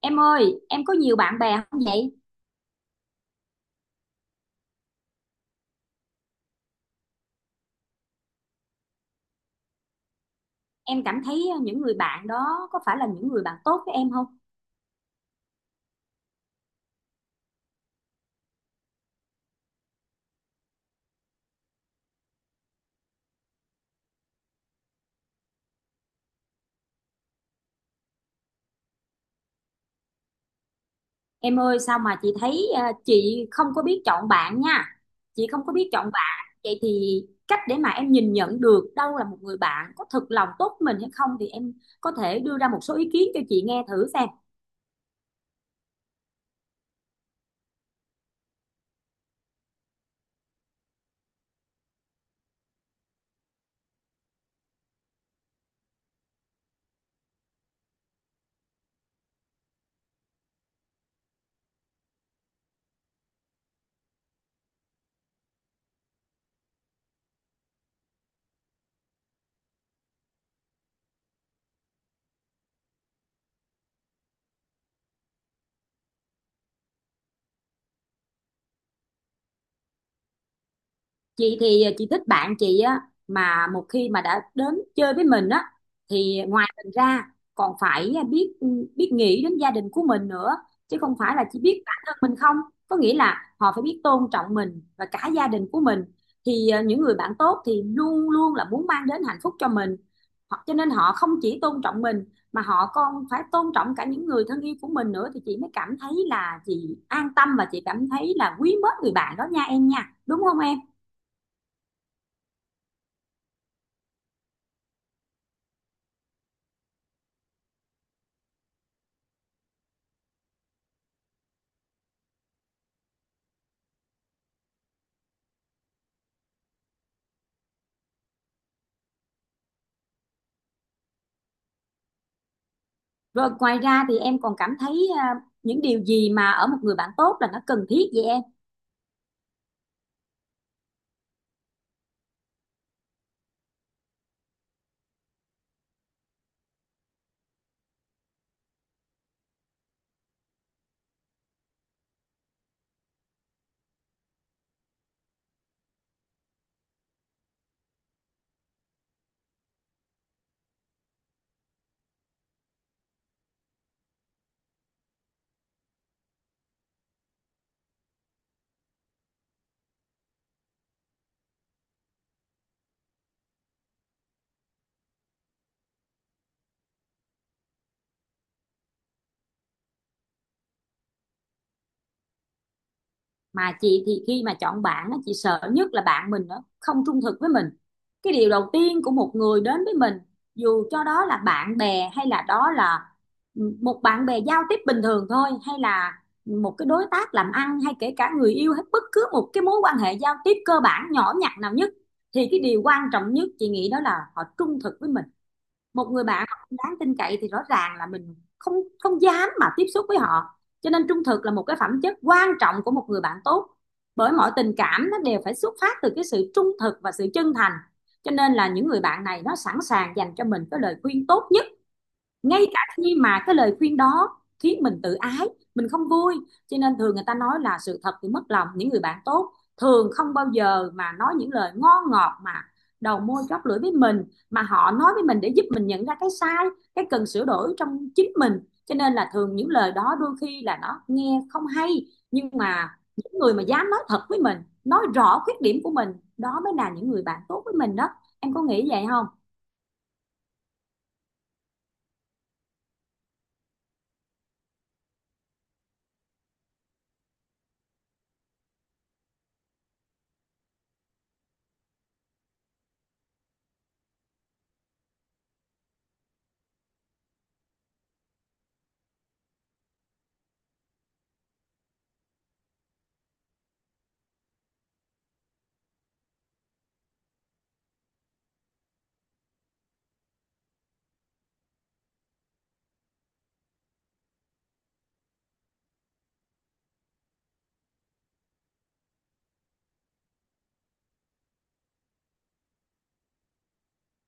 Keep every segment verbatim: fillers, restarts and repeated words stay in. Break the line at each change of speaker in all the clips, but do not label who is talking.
Em ơi, em có nhiều bạn bè không vậy? Em cảm thấy ờ, những người bạn đó có phải là những người bạn tốt với em không? Em ơi, sao mà chị thấy ờ, chị không có biết chọn bạn nha. Chị không có biết chọn bạn. Vậy thì cách để mà em nhìn nhận được đâu là một người bạn có thực lòng tốt với mình hay không thì em có thể đưa ra một số ý kiến cho chị nghe thử xem. Chị thì ờ, chị thích bạn chị á, mà một khi mà đã đến chơi với mình á thì ngoài mình ra còn phải ờ, biết ừ, biết nghĩ đến gia đình của mình nữa, chứ không phải là chỉ biết bản thân mình không. Có nghĩa là họ phải biết tôn trọng mình và cả gia đình của mình, thì ờ, những người bạn tốt thì luôn luôn là muốn mang đến hạnh phúc cho mình, họ cho nên họ không chỉ tôn trọng mình mà họ còn phải tôn trọng cả những người thân yêu của mình nữa, thì chị mới cảm thấy là chị an tâm và chị cảm thấy là quý mến người bạn đó nha em, nha đúng không em? Rồi ngoài ra thì em còn cảm thấy à, những điều gì mà ở một người bạn tốt là nó cần thiết vậy em? Mà chị thì khi mà chọn bạn á, chị sợ nhất là bạn mình nó không trung thực với mình. Cái điều đầu tiên của một người đến với mình, dù cho đó là bạn bè hay là đó là ừ, một bạn bè giao tiếp bình thường thôi, hay là một cái đối tác làm ăn, hay kể cả người yêu, hay bất cứ một cái mối quan hệ giao tiếp cơ bản nhỏ nhặt nào nhất, thì cái điều quan trọng nhất chị nghĩ đó là họ trung thực với mình. Một người bạn mà không đáng tin cậy thì rõ ràng là mình không không dám mà tiếp xúc với họ, cho nên trung thực là một cái phẩm chất quan trọng của một người bạn tốt. Bởi mọi tình cảm nó đều phải xuất phát từ cái sự trung thực và sự chân thành, cho nên là những người bạn này nó sẵn sàng dành cho mình cái lời khuyên tốt nhất, ngay cả khi mà cái lời khuyên đó khiến mình tự ái, mình không vui. Cho nên thường người ta nói là sự thật thì mất lòng. Những người bạn tốt thường không bao giờ mà nói những lời ngon ngọt mà đầu môi chóp lưỡi với mình, mà họ nói với mình để giúp mình nhận ra cái sai, cái cần sửa đổi trong chính mình. Cho nên là thường những lời đó đôi khi là nó nghe không hay, nhưng mà những người mà dám nói thật với mình, nói rõ khuyết điểm của mình, đó mới là những người bạn tốt với mình đó. Em có nghĩ vậy không?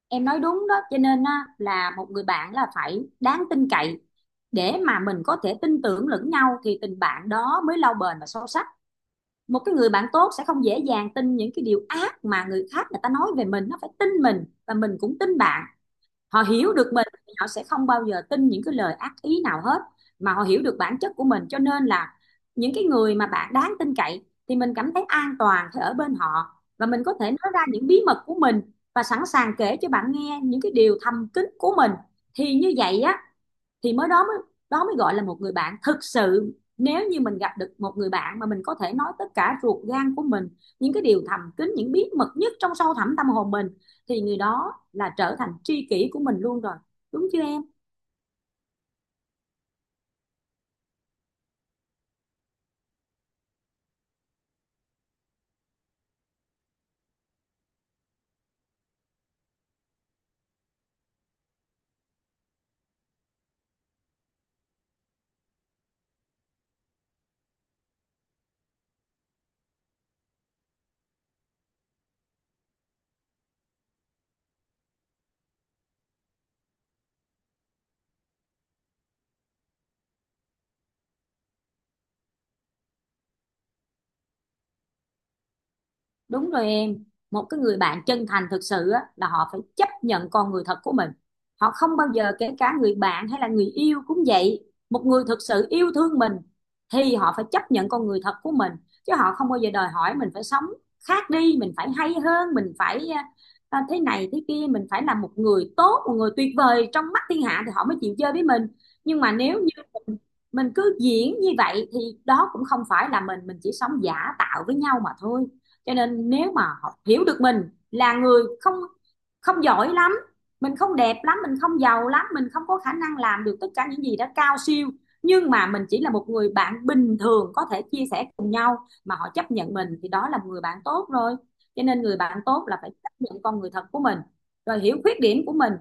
Em nói đúng đó, cho nên á, là một người bạn là phải đáng tin cậy để mà mình có thể tin tưởng lẫn nhau, thì tình bạn đó mới lâu bền và sâu sắc. Một cái người bạn tốt sẽ không dễ dàng tin những cái điều ác mà người khác người ta nói về mình, nó phải tin mình và mình cũng tin bạn. Họ hiểu được mình thì họ sẽ không bao giờ tin những cái lời ác ý nào hết, mà họ hiểu được bản chất của mình. Cho nên là những cái người mà bạn đáng tin cậy thì mình cảm thấy an toàn khi ở bên họ, và mình có thể nói ra những bí mật của mình, và sẵn sàng kể cho bạn nghe những cái điều thầm kín của mình. Thì như vậy á, thì mới đó mới đó mới gọi là một người bạn thực sự. Nếu như mình gặp được một người bạn mà mình có thể nói tất cả ruột gan của mình, những cái điều thầm kín, những bí mật nhất trong sâu thẳm tâm hồn mình, thì người đó là trở thành tri kỷ của mình luôn rồi, đúng chưa em? Đúng rồi em, một cái người bạn chân thành thực sự á, là họ phải chấp nhận con người thật của mình. Họ không bao giờ, kể cả người bạn hay là người yêu cũng vậy. Một người thực sự yêu thương mình thì họ phải chấp nhận con người thật của mình. Chứ họ không bao giờ đòi hỏi mình phải sống khác đi, mình phải hay hơn, mình phải à, thế này thế kia, mình phải là một người tốt, một người tuyệt vời trong mắt thiên hạ thì họ mới chịu chơi với mình. Nhưng mà nếu như mình, mình cứ diễn như vậy thì đó cũng không phải là mình, mình chỉ sống giả tạo với nhau mà thôi. Cho nên nếu mà họ hiểu được mình là người không không giỏi lắm, mình không đẹp lắm, mình không giàu lắm, mình không có khả năng làm được tất cả những gì đó cao siêu, nhưng mà mình chỉ là một người bạn bình thường có thể chia sẻ cùng nhau mà họ chấp nhận mình, thì đó là một người bạn tốt rồi. Cho nên người bạn tốt là phải chấp nhận con người thật của mình, rồi hiểu khuyết điểm của mình,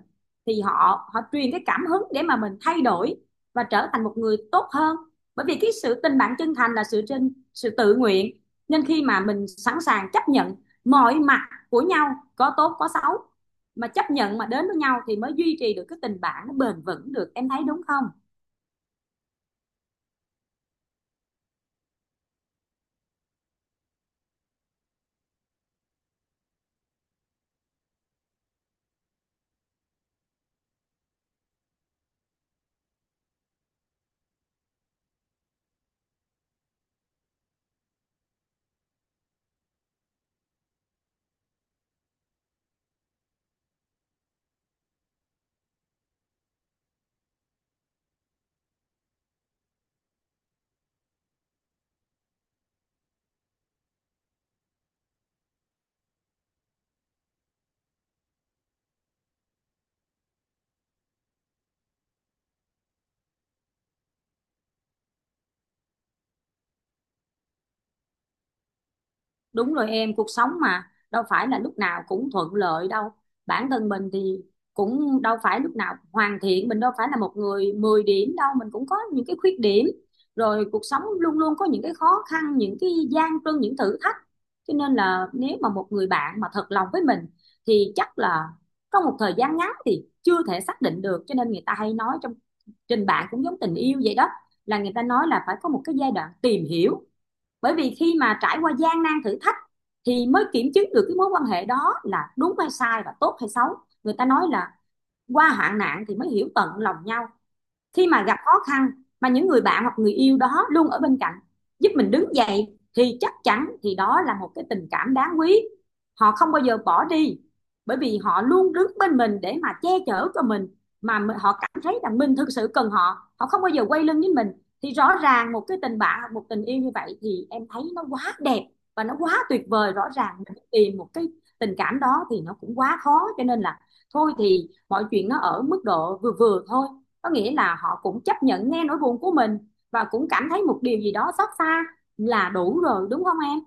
thì họ họ truyền cái cảm hứng để mà mình thay đổi và trở thành một người tốt hơn. Bởi vì cái sự tình bạn chân thành là sự sự tự nguyện. Nên khi mà mình sẵn sàng chấp nhận mọi mặt của nhau, có tốt có xấu, mà chấp nhận mà đến với nhau, thì mới duy trì được cái tình bạn nó bền vững được, em thấy đúng không? Đúng rồi em, cuộc sống mà đâu phải là lúc nào cũng thuận lợi đâu. Bản thân mình thì cũng đâu phải lúc nào hoàn thiện, mình đâu phải là một người mười điểm đâu, mình cũng có những cái khuyết điểm. Rồi cuộc sống luôn luôn có những cái khó khăn, những cái gian truân, những thử thách. Cho nên là nếu mà một người bạn mà thật lòng với mình thì chắc là trong một thời gian ngắn thì chưa thể xác định được. Cho nên người ta hay nói, trong tình bạn cũng giống tình yêu vậy đó, là người ta nói là phải có một cái giai đoạn tìm hiểu, bởi vì khi mà trải qua gian nan thử thách thì mới kiểm chứng được cái mối quan hệ đó là đúng hay sai và tốt hay xấu. Người ta nói là qua hạn nạn thì mới hiểu tận lòng nhau. Khi mà gặp khó khăn mà những người bạn hoặc người yêu đó luôn ở bên cạnh giúp mình đứng dậy, thì chắc chắn thì đó là một cái tình cảm đáng quý. Họ không bao giờ bỏ đi, bởi vì họ luôn đứng bên mình để mà che chở cho mình, mà họ cảm thấy rằng mình thực sự cần họ, họ không bao giờ quay lưng với mình. Thì rõ ràng một cái tình bạn, một tình yêu như vậy thì em thấy nó quá đẹp và nó quá tuyệt vời. Rõ ràng mình tìm một cái tình cảm đó thì nó cũng quá khó, cho nên là thôi thì mọi chuyện nó ở mức độ vừa vừa thôi, có nghĩa là họ cũng chấp nhận nghe nỗi buồn của mình và cũng cảm thấy một điều gì đó xót xa là đủ rồi, đúng không em?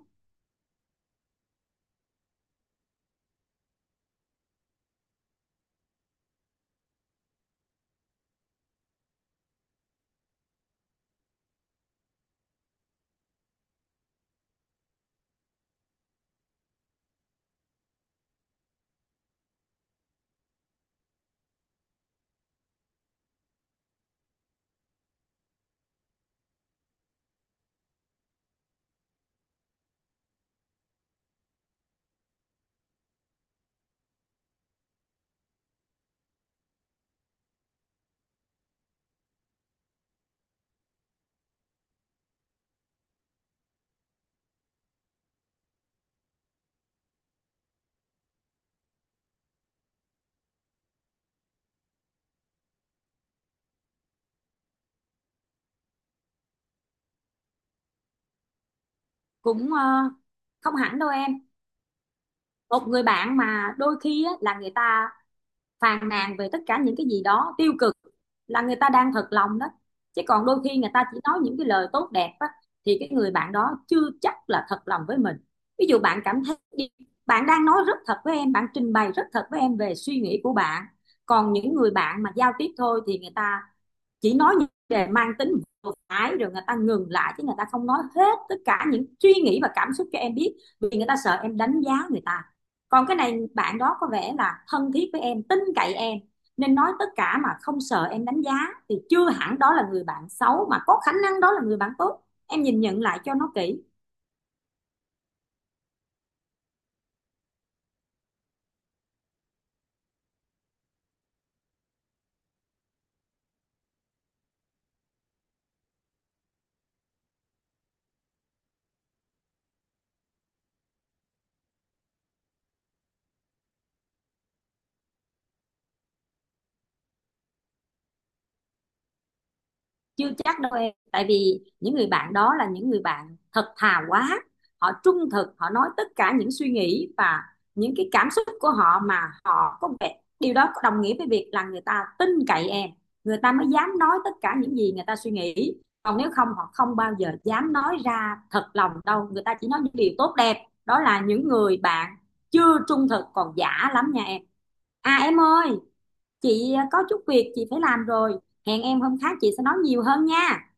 Cũng ờ, không hẳn đâu em. Một người bạn mà đôi khi á, là người ta phàn nàn về tất cả những cái gì đó tiêu cực, là người ta đang thật lòng đó. Chứ còn đôi khi người ta chỉ nói những cái lời tốt đẹp á, thì cái người bạn đó chưa chắc là thật lòng với mình. Ví dụ bạn cảm thấy, bạn đang nói rất thật với em, bạn trình bày rất thật với em về suy nghĩ của bạn. Còn những người bạn mà giao tiếp thôi thì người ta chỉ nói những đề mang tính vừa phải rồi người ta ngừng lại, chứ người ta không nói hết tất cả những suy nghĩ và cảm xúc cho em biết, vì người ta sợ em đánh giá người ta. Còn cái này bạn đó có vẻ là thân thiết với em, tin cậy em nên nói tất cả mà không sợ em đánh giá. Thì chưa hẳn đó là người bạn xấu, mà có khả năng đó là người bạn tốt, em nhìn nhận lại cho nó kỹ. Chưa chắc đâu em, tại vì những người bạn đó là những người bạn thật thà quá, họ trung thực, họ nói tất cả những suy nghĩ và những cái cảm xúc của họ, mà họ có vẻ điều đó đồng nghĩa với việc là người ta tin cậy em, người ta mới dám nói tất cả những gì người ta suy nghĩ. Còn nếu không họ không bao giờ dám nói ra thật lòng đâu, người ta chỉ nói những điều tốt đẹp. Đó là những người bạn chưa trung thực, còn giả lắm nha em. À em ơi, chị à, có chút việc chị phải làm rồi, hẹn em hôm khác chị sẽ nói nhiều hơn nha.